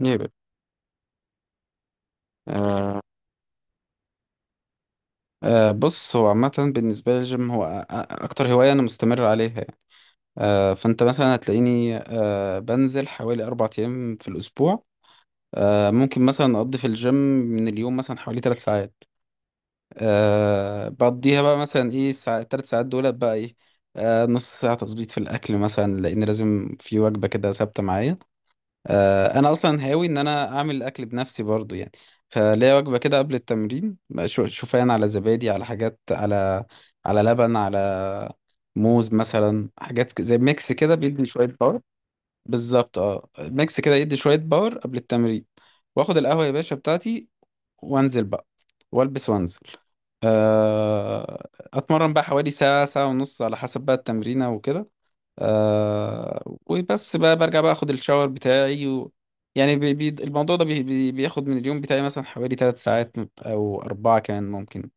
يبقى آه. بص، هو عامة بالنسبة لي الجيم هو أكتر هواية أنا مستمر عليها يعني. فأنت مثلا هتلاقيني بنزل حوالي 4 أيام في الأسبوع. ممكن مثلا أقضي في الجيم من اليوم مثلا حوالي 3 ساعات. بقضيها بقى مثلا إيه ال3 ساعات دولت بقى إيه؟ نص ساعة تظبيط في الأكل مثلا، لأن لازم في وجبة كده ثابتة معايا. انا اصلا هاوي ان انا اعمل الاكل بنفسي برضو يعني. فليا وجبه كده قبل التمرين بقى، شوفان على زبادي على حاجات، على على لبن، على موز مثلا، حاجات زي ميكس كده بيدي شويه باور. بالظبط اه، ميكس كده يدي شويه باور قبل التمرين. واخد القهوه يا باشا بتاعتي وانزل بقى، والبس وانزل. آه، اتمرن بقى حوالي ساعة، ساعة ونص، على حسب بقى التمرينة وكده. وبس بقى، برجع بقى اخد الشاور بتاعي و... يعني بي... بي... الموضوع ده بياخد من اليوم بتاعي مثلا حوالي 3 ساعات، او 4 كمان ممكن.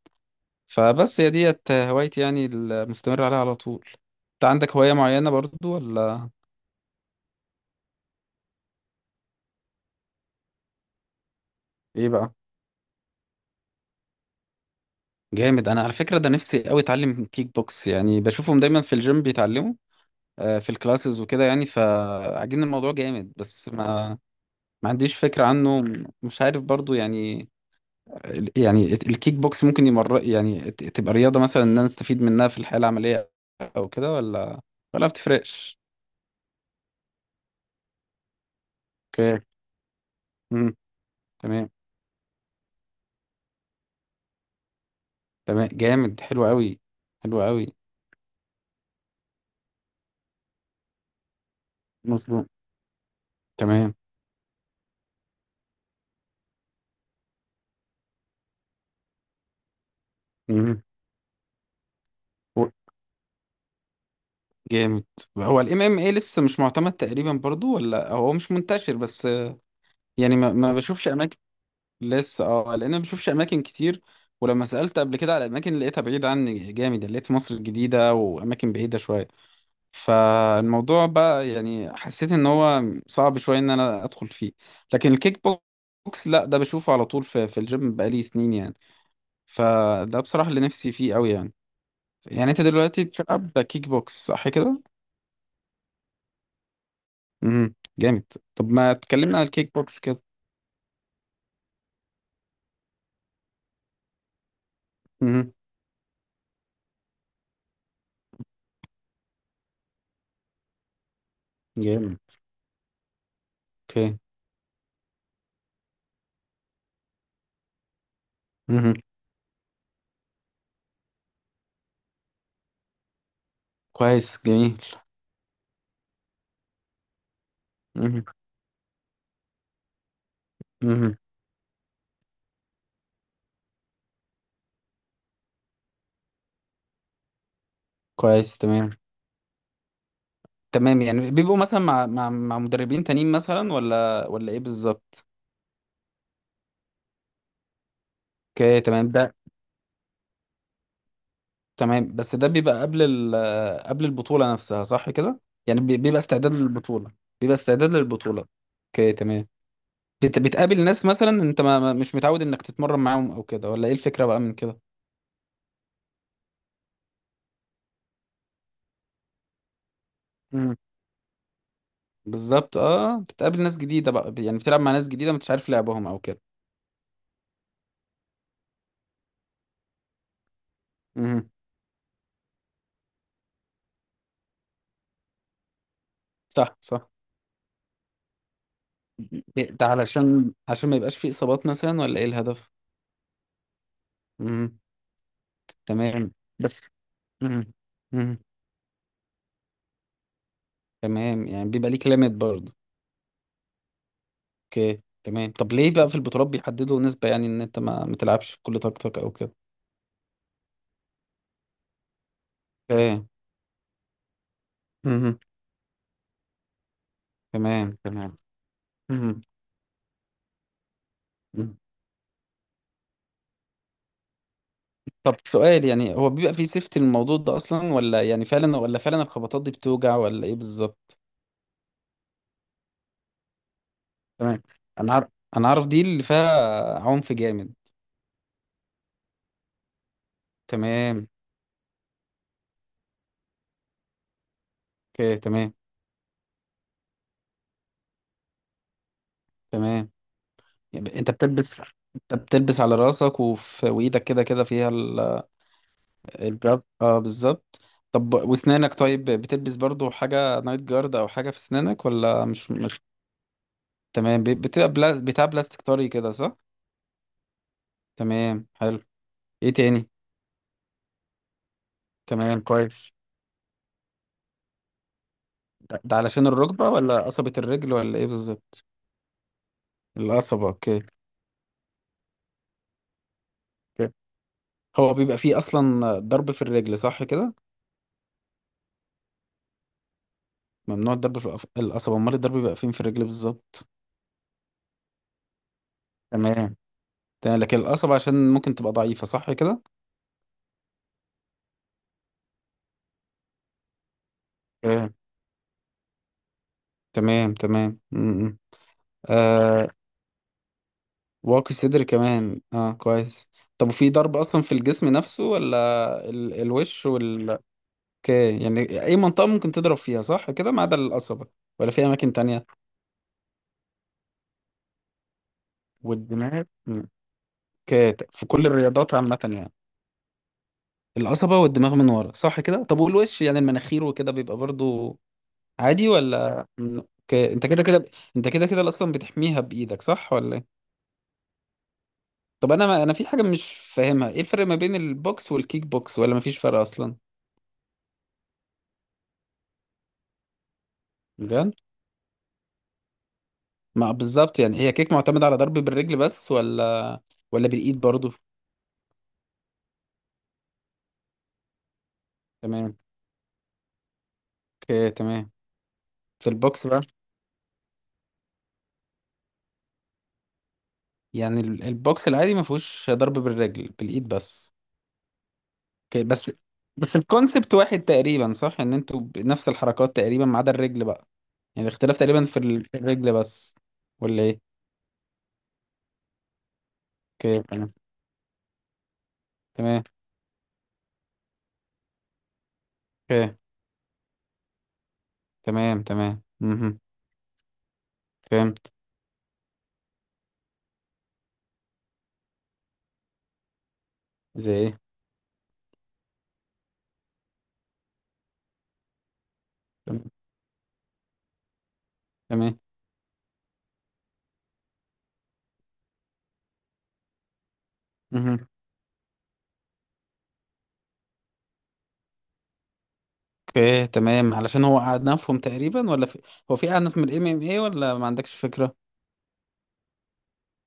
فبس هي ديت هوايتي يعني، المستمر عليها على طول. انت عندك هواية معينة برضو ولا ايه بقى؟ جامد، انا على فكرة ده نفسي قوي اتعلم كيك بوكس، يعني بشوفهم دايما في الجيم بيتعلموا، في الكلاسز وكده يعني، فعاجبني الموضوع جامد، بس ما عنديش فكرة عنه، مش عارف برضو يعني. يعني الكيك بوكس ممكن يمر يعني، تبقى رياضة مثلا ان انا استفيد منها في الحياة العملية او كده، ولا ما بتفرقش؟ اوكي. امم. تمام. تمام جامد، حلو قوي. حلو قوي. مظبوط تمام. امم. و- جامد. هو الام ام اي لسه مش معتمد تقريبا برضو، ولا هو مش منتشر بس؟ يعني ما بشوفش اماكن. لسه اه، لان انا بشوفش اماكن كتير. ولما سالت قبل كده على اماكن لقيتها بعيده عني جامد يعني، لقيت في مصر الجديده واماكن بعيده شويه. فالموضوع بقى يعني حسيت ان هو صعب شويه ان انا ادخل فيه. لكن الكيك بوكس لا، ده بشوفه على طول في الجيم بقالي سنين يعني. فده بصراحه اللي نفسي فيه قوي يعني. يعني انت دلوقتي بتلعب كيك بوكس صح كده؟ جامد. طب ما تكلمنا عن الكيك بوكس كده. امم جامد. اوكي. امم. كويس جميل. امم. كويس تمام. تمام، يعني بيبقوا مثلا مع مدربين تانيين مثلا، ولا ايه بالظبط؟ اوكي تمام ده. تمام، بس ده بيبقى قبل ال، قبل البطولة نفسها صح كده؟ يعني بيبقى استعداد للبطولة. بيبقى استعداد للبطولة. اوكي تمام. بتقابل ناس مثلا انت مش متعود انك تتمرن معاهم او كده، ولا ايه الفكرة بقى من كده؟ مم. بالظبط اه، بتقابل ناس جديدة بقى يعني، بتلعب مع ناس جديدة ما انتش عارف لعبهم او كده. مم. صح صح. ده عشان ما يبقاش فيه اصابات مثلا، ولا ايه الهدف؟ مم. تمام بس. مم. مم. تمام، يعني بيبقى ليك ليميت برضه. اوكي تمام. طب ليه بقى في البطولات بيحددوا نسبة، يعني ان انت ما تلعبش بكل طاقتك او كده؟ اوكي. مم. تمام تمام. مم. مم. طب سؤال، يعني هو بيبقى فيه سيفتي الموضوع ده اصلا، ولا يعني فعلا، ولا فعلا الخبطات دي بتوجع، ولا ايه بالظبط؟ تمام. انا عارف. انا عارف دي اللي فيها عنف جامد. تمام. اوكي تمام. تمام، يعني انت بتلبس، انت بتلبس على راسك وفي وايدك كده كده فيها الجارد اه بالظبط. طب واسنانك طيب، بتلبس برضو حاجة نايت جارد او حاجة في اسنانك، ولا مش؟ تمام، بتبقى بتاع بلاستيك طري كده صح؟ تمام حلو. ايه تاني؟ تمام كويس. ده علشان الركبة، ولا قصبة الرجل، ولا ايه بالظبط؟ القصبة اوكي. اوكي. هو بيبقى فيه اصلا ضرب في الرجل صح كده؟ ممنوع الضرب في القصبة، امال الضرب بيبقى فين في الرجل بالظبط؟ تمام. تمام، لكن القصب عشان ممكن تبقى ضعيفة صح كده؟ تمام تمام تمام، م. آه، واقي صدر كمان اه كويس. طب وفي ضرب اصلا في الجسم نفسه، ولا الوش وال؟ اوكي، يعني اي منطقة ممكن تضرب فيها صح كده، ما عدا القصبة؟ ولا في اماكن تانية؟ والدماغ م. اوكي في كل الرياضات عامة يعني. القصبة والدماغ من ورا صح كده؟ طب والوش يعني المناخير وكده بيبقى برضو عادي، ولا اوكي. انت كده كده اصلا بتحميها بايدك صح ولا إيه؟ طب انا ما انا في حاجه مش فاهمها، ايه الفرق ما بين البوكس والكيك بوكس، ولا ما فيش فرق اصلا؟ بجد؟ ما بالظبط يعني، هي كيك معتمده على ضرب بالرجل بس، ولا بالايد برضو؟ تمام. اوكي تمام. في البوكس بقى. يعني البوكس العادي ما فيهوش ضرب بالرجل، بالايد بس. اوكي بس. بس الكونسبت واحد تقريبا صح، ان انتوا بنفس الحركات تقريبا ما عدا الرجل بقى. يعني الاختلاف تقريبا في في الرجل بس. ولا ايه؟ اوكي تمام. تمام. اوكي تمام تمام. مهم. فهمت. زي ايه؟ تمام. مهم. اوكي تمام، علشان هو أعنفهم تقريبا، ولا في... هو في أعنف من الام ام اي، ولا ما عندكش فكرة؟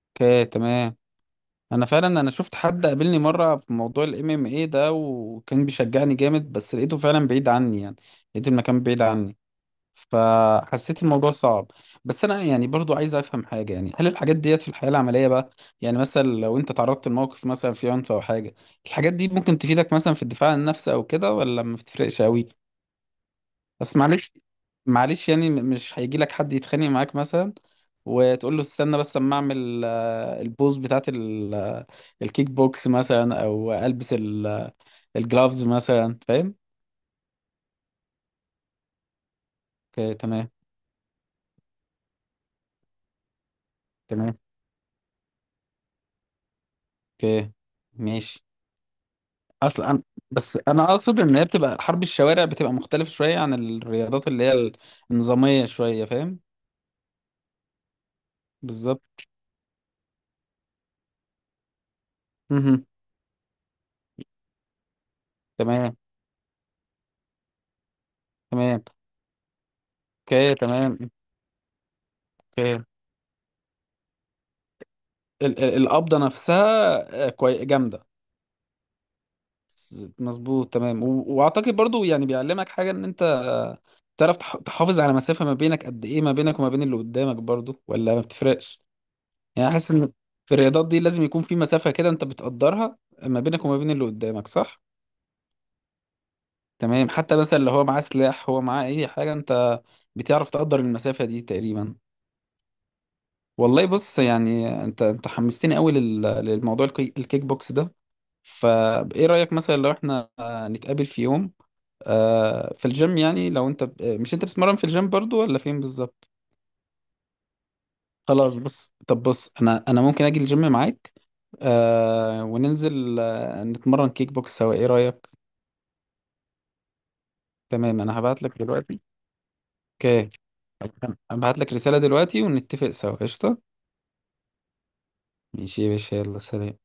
اوكي تمام. انا فعلا، انا شفت حد قابلني مرة في موضوع الام ام اي ده، وكان بيشجعني جامد بس لقيته فعلا بعيد عني يعني. لقيت المكان بعيد عني، فحسيت الموضوع صعب. بس انا يعني برضو عايز افهم حاجة، يعني هل الحاجات ديت في الحياة العملية بقى، يعني مثلا لو انت تعرضت لموقف مثلا في عنف او حاجة، الحاجات دي ممكن تفيدك مثلا في الدفاع عن النفس او كده، ولا ما بتفرقش قوي؟ بس معلش. معلش يعني، مش هيجي لك حد يتخانق معاك مثلا، وتقول له استنى بس اما اعمل البوز بتاعت الكيك بوكس مثلا، او البس الجلافز مثلا فاهم؟ اوكي تمام. تمام اوكي ماشي. اصلا أنا- بس انا اقصد ان هي بتبقى حرب الشوارع، بتبقى مختلفة شوية عن الرياضات اللي هي النظامية شوية فاهم. بالظبط. مهم. تمام تمام. اوكي تمام. اوكي، القبضة نفسها كوي جامدة. مظبوط تمام. و... واعتقد برضو يعني بيعلمك حاجة ان انت تعرف تحافظ على مسافة ما بينك، قد ايه ما بينك وما بين اللي قدامك برضو، ولا ما بتفرقش؟ يعني حاسس ان في الرياضات دي لازم يكون في مسافة كده انت بتقدرها ما بينك وما بين اللي قدامك صح؟ تمام. حتى مثلا اللي هو معاه سلاح، هو معاه اي حاجة، انت بتعرف تقدر المسافة دي تقريبا. والله بص، يعني انت حمستني قوي للموضوع الكيك بوكس ده. فايه رأيك مثلا لو احنا نتقابل في يوم في الجيم؟ يعني لو انت مش انت بتتمرن في الجيم برضو، ولا فين بالظبط؟ خلاص بص، طب بص، انا ممكن اجي الجيم معاك، وننزل نتمرن كيك بوكس سوا، ايه رأيك؟ تمام، انا هبعت لك دلوقتي. اوكي. هبعت لك رسالة دلوقتي ونتفق سوا، قشطة. ماشي يا باشا، يلا سلام.